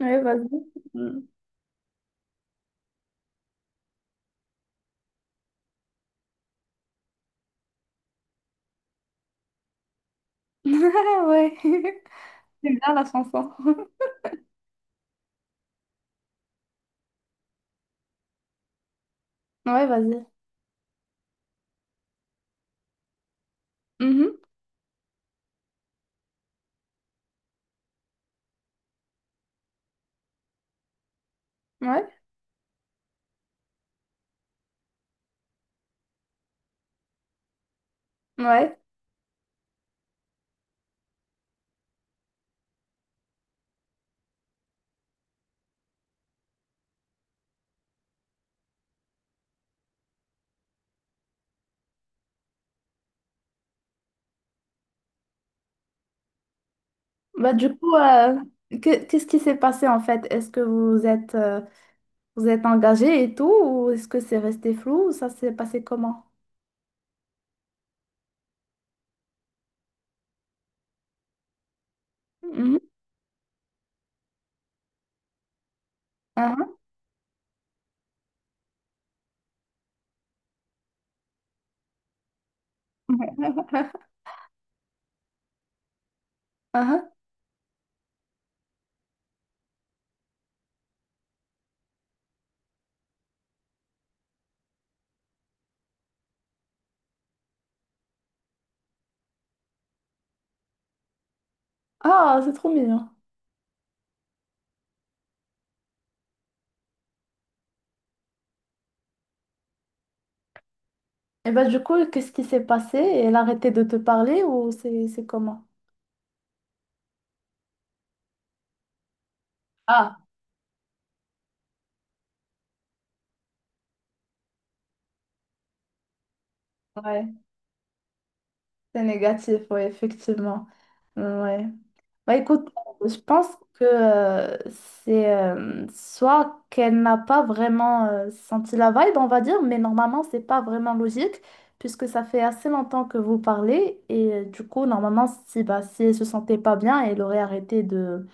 Ouais, vas-y. Mm. Ah ouais. C'est bien la chanson. Ouais, vas-y. Mhm. Ouais. Ouais. Bah, du coup, qu'est-ce qui s'est passé en fait? Est-ce que vous êtes engagés et tout, ou est-ce que c'est resté flou, ou ça s'est passé comment? Mhm. Ah, ah. Ah, ah. Ah, c'est trop mignon. Et bah, du coup, qu'est-ce qui s'est passé? Elle a arrêté de te parler ou c'est comment? Ah, ouais, c'est négatif, ouais, effectivement. Ouais. Bah, écoute, je pense que c'est soit qu'elle n'a pas vraiment senti la vibe, on va dire, mais normalement, c'est pas vraiment logique, puisque ça fait assez longtemps que vous parlez, et du coup, normalement, si, bah, si elle se sentait pas bien, elle aurait arrêté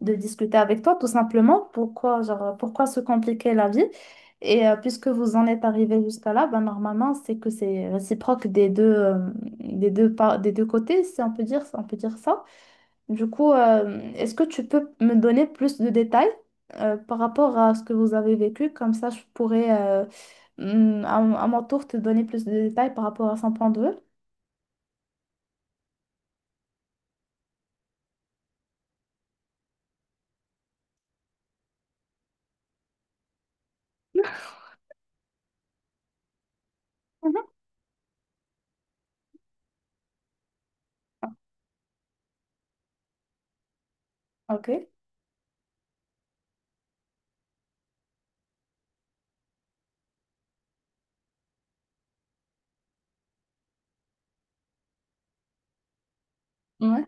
de discuter avec toi, tout simplement. Pourquoi, genre, pourquoi se compliquer la vie? Et puisque vous en êtes arrivé jusqu'à là, bah, normalement, c'est que c'est réciproque des deux, des deux côtés, si on peut dire, si on peut dire ça. Du coup, est-ce que tu peux me donner plus de détails par rapport à ce que vous avez vécu? Comme ça, je pourrais mm, à, à mon tour te donner plus de détails par rapport à son point de vue. Mhm. Ok. Ouais.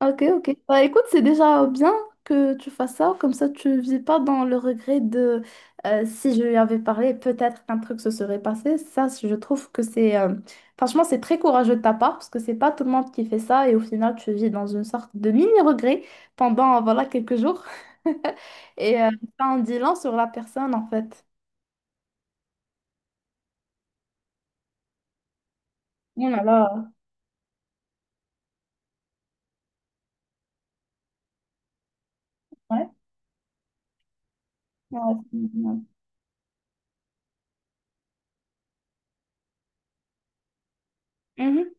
Ok, ok. Bah, écoute, c'est déjà bien que tu fasses ça, comme ça tu vis pas dans le regret de si je lui avais parlé, peut-être qu'un truc se serait passé. Ça, je trouve que c'est franchement, c'est très courageux de ta part parce que c'est pas tout le monde qui fait ça et au final, tu vis dans une sorte de mini-regret pendant voilà quelques jours. Et ça en dit long sur la personne en fait. Oh là là. Ouais. Ouais. C'est bien. Mhm.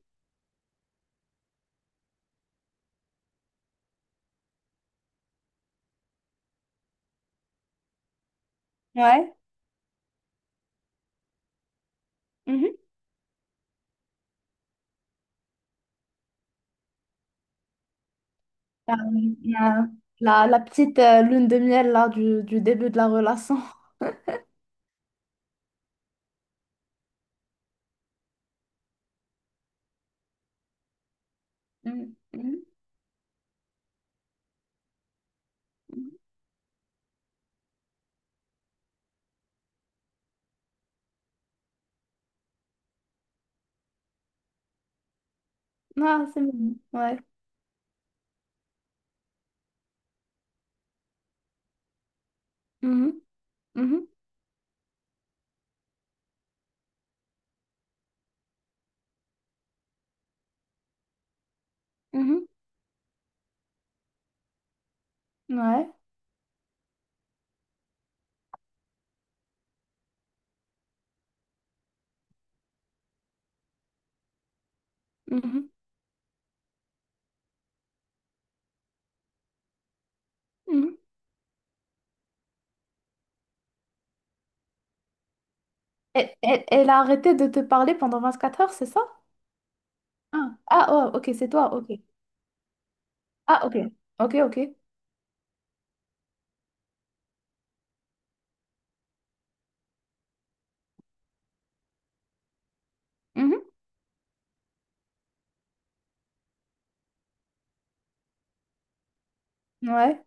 Ouais. Mhm. Euh, euh, la petite lune de miel là du début de la relation. Mhm, mhm, mhm. Ah, c'est mignon. Ouais. Mhm, mhm, mhm. Ouais. Mhm, mhm. Elle a arrêté de te parler pendant 24 heures, c'est ça? Ah, ah oh, ok, c'est toi, ok. Ah, ok. Ok, ok. Mhm. Ouais.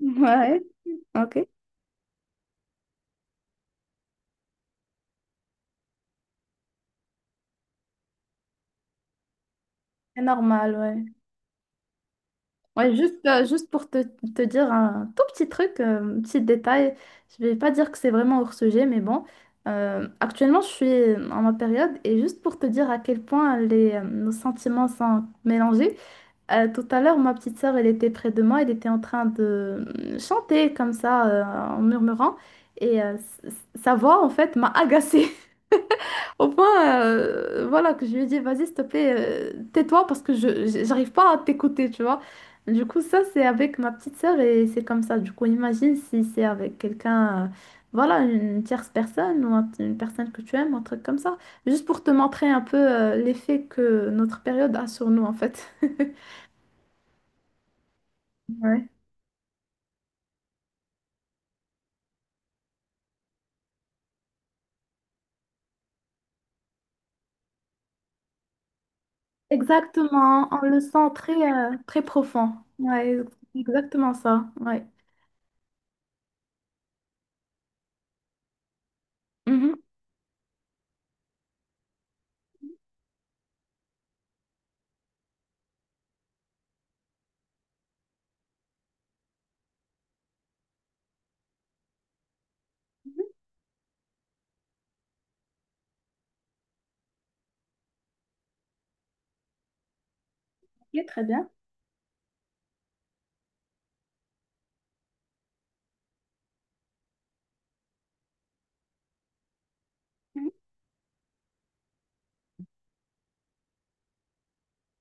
Ouais, ok. C'est normal, ouais. Ouais, juste, juste pour te dire un tout petit truc, un petit détail, je vais pas dire que c'est vraiment hors sujet, mais bon, actuellement je suis en ma période et juste pour te dire à quel point les, nos sentiments sont mélangés, tout à l'heure ma petite sœur elle était près de moi, elle était en train de chanter comme ça en murmurant et sa voix en fait m'a agacée. Au point, voilà, que je lui ai dit, vas-y, s'il te plaît, tais-toi parce que j'arrive pas à t'écouter, tu vois. Du coup, ça, c'est avec ma petite sœur et c'est comme ça. Du coup, imagine si c'est avec quelqu'un, voilà, une tierce personne ou une personne que tu aimes, un truc comme ça. Juste pour te montrer un peu, l'effet que notre période a sur nous, en fait. Ouais. Exactement, on le sent très, très profond. Ouais, exactement ça. Ouais. Mhm. Ok, très bien.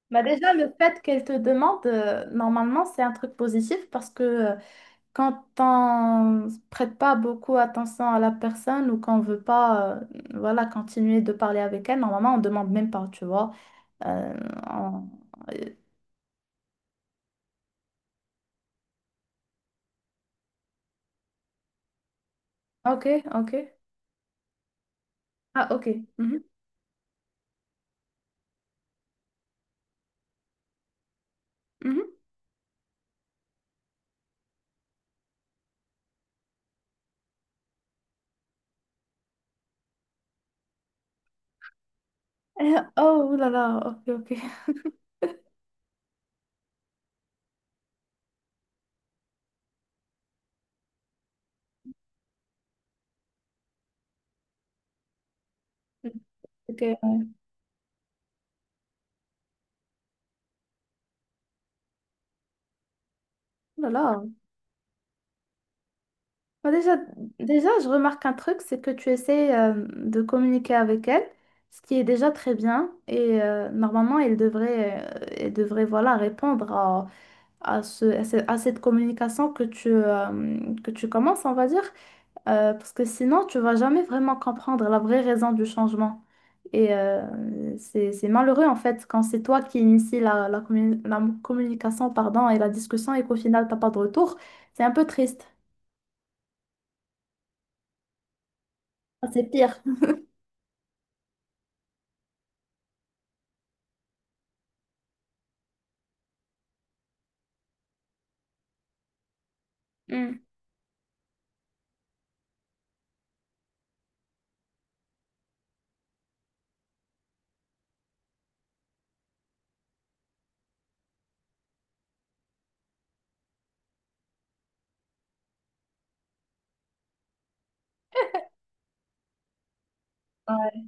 Bah déjà, le fait qu'elle te demande, normalement, c'est un truc positif parce que quand on prête pas beaucoup attention à la personne ou qu'on veut pas voilà, continuer de parler avec elle, normalement, on demande même pas, tu vois. Euh, on- euh, Ok, ok. Ah, ok. Mhm, mhm. Oh, là là, ok, ok. Ok, oh là là. Bah, déjà, je remarque un truc, c'est que tu essaies de communiquer avec elle, ce qui est déjà très bien. Et normalement, elle devrait voilà, répondre à cette communication que tu commences, on va dire. Parce que sinon, tu vas jamais vraiment comprendre la vraie raison du changement. Et c'est malheureux, en fait, quand c'est toi qui initie la communication, pardon, et la discussion et qu'au final, t'as pas de retour. C'est un peu triste. Ah, c'est pire. Ouais.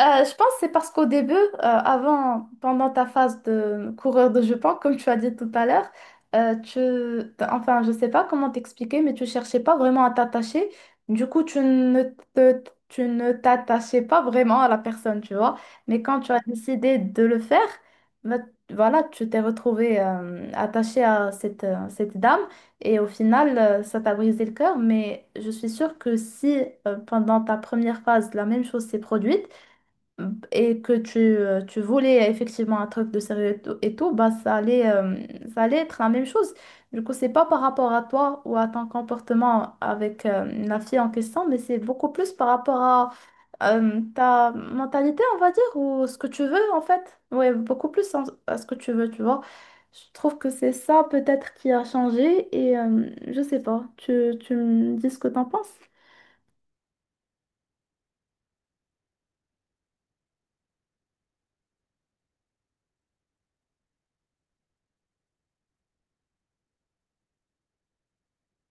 Je pense que c'est parce qu'au début, avant, pendant ta phase de coureur de jupon, comme tu as dit tout à l'heure, enfin, je sais pas comment t'expliquer, mais tu cherchais pas vraiment à t'attacher. Du coup, te- tu ne t'attachais pas vraiment à la personne, tu vois. Mais quand tu as décidé de le faire, ben, voilà, tu t'es retrouvé attaché à cette, cette dame et au final, ça t'a brisé le cœur. Mais je suis sûre que si pendant ta première phase, la même chose s'est produite, et que tu voulais effectivement un truc de sérieux et tout, bah, ça allait être la même chose. Du coup, c'est pas par rapport à toi ou à ton comportement avec la fille en question, mais c'est beaucoup plus par rapport à ta mentalité, on va dire, ou ce que tu veux en fait. Ouais, beaucoup plus à ce que tu veux, tu vois. Je trouve que c'est ça peut-être qui a changé et je sais pas, tu me dis ce que t'en penses.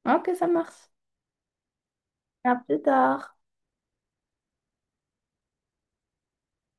Ok, ça marche. À plus tard.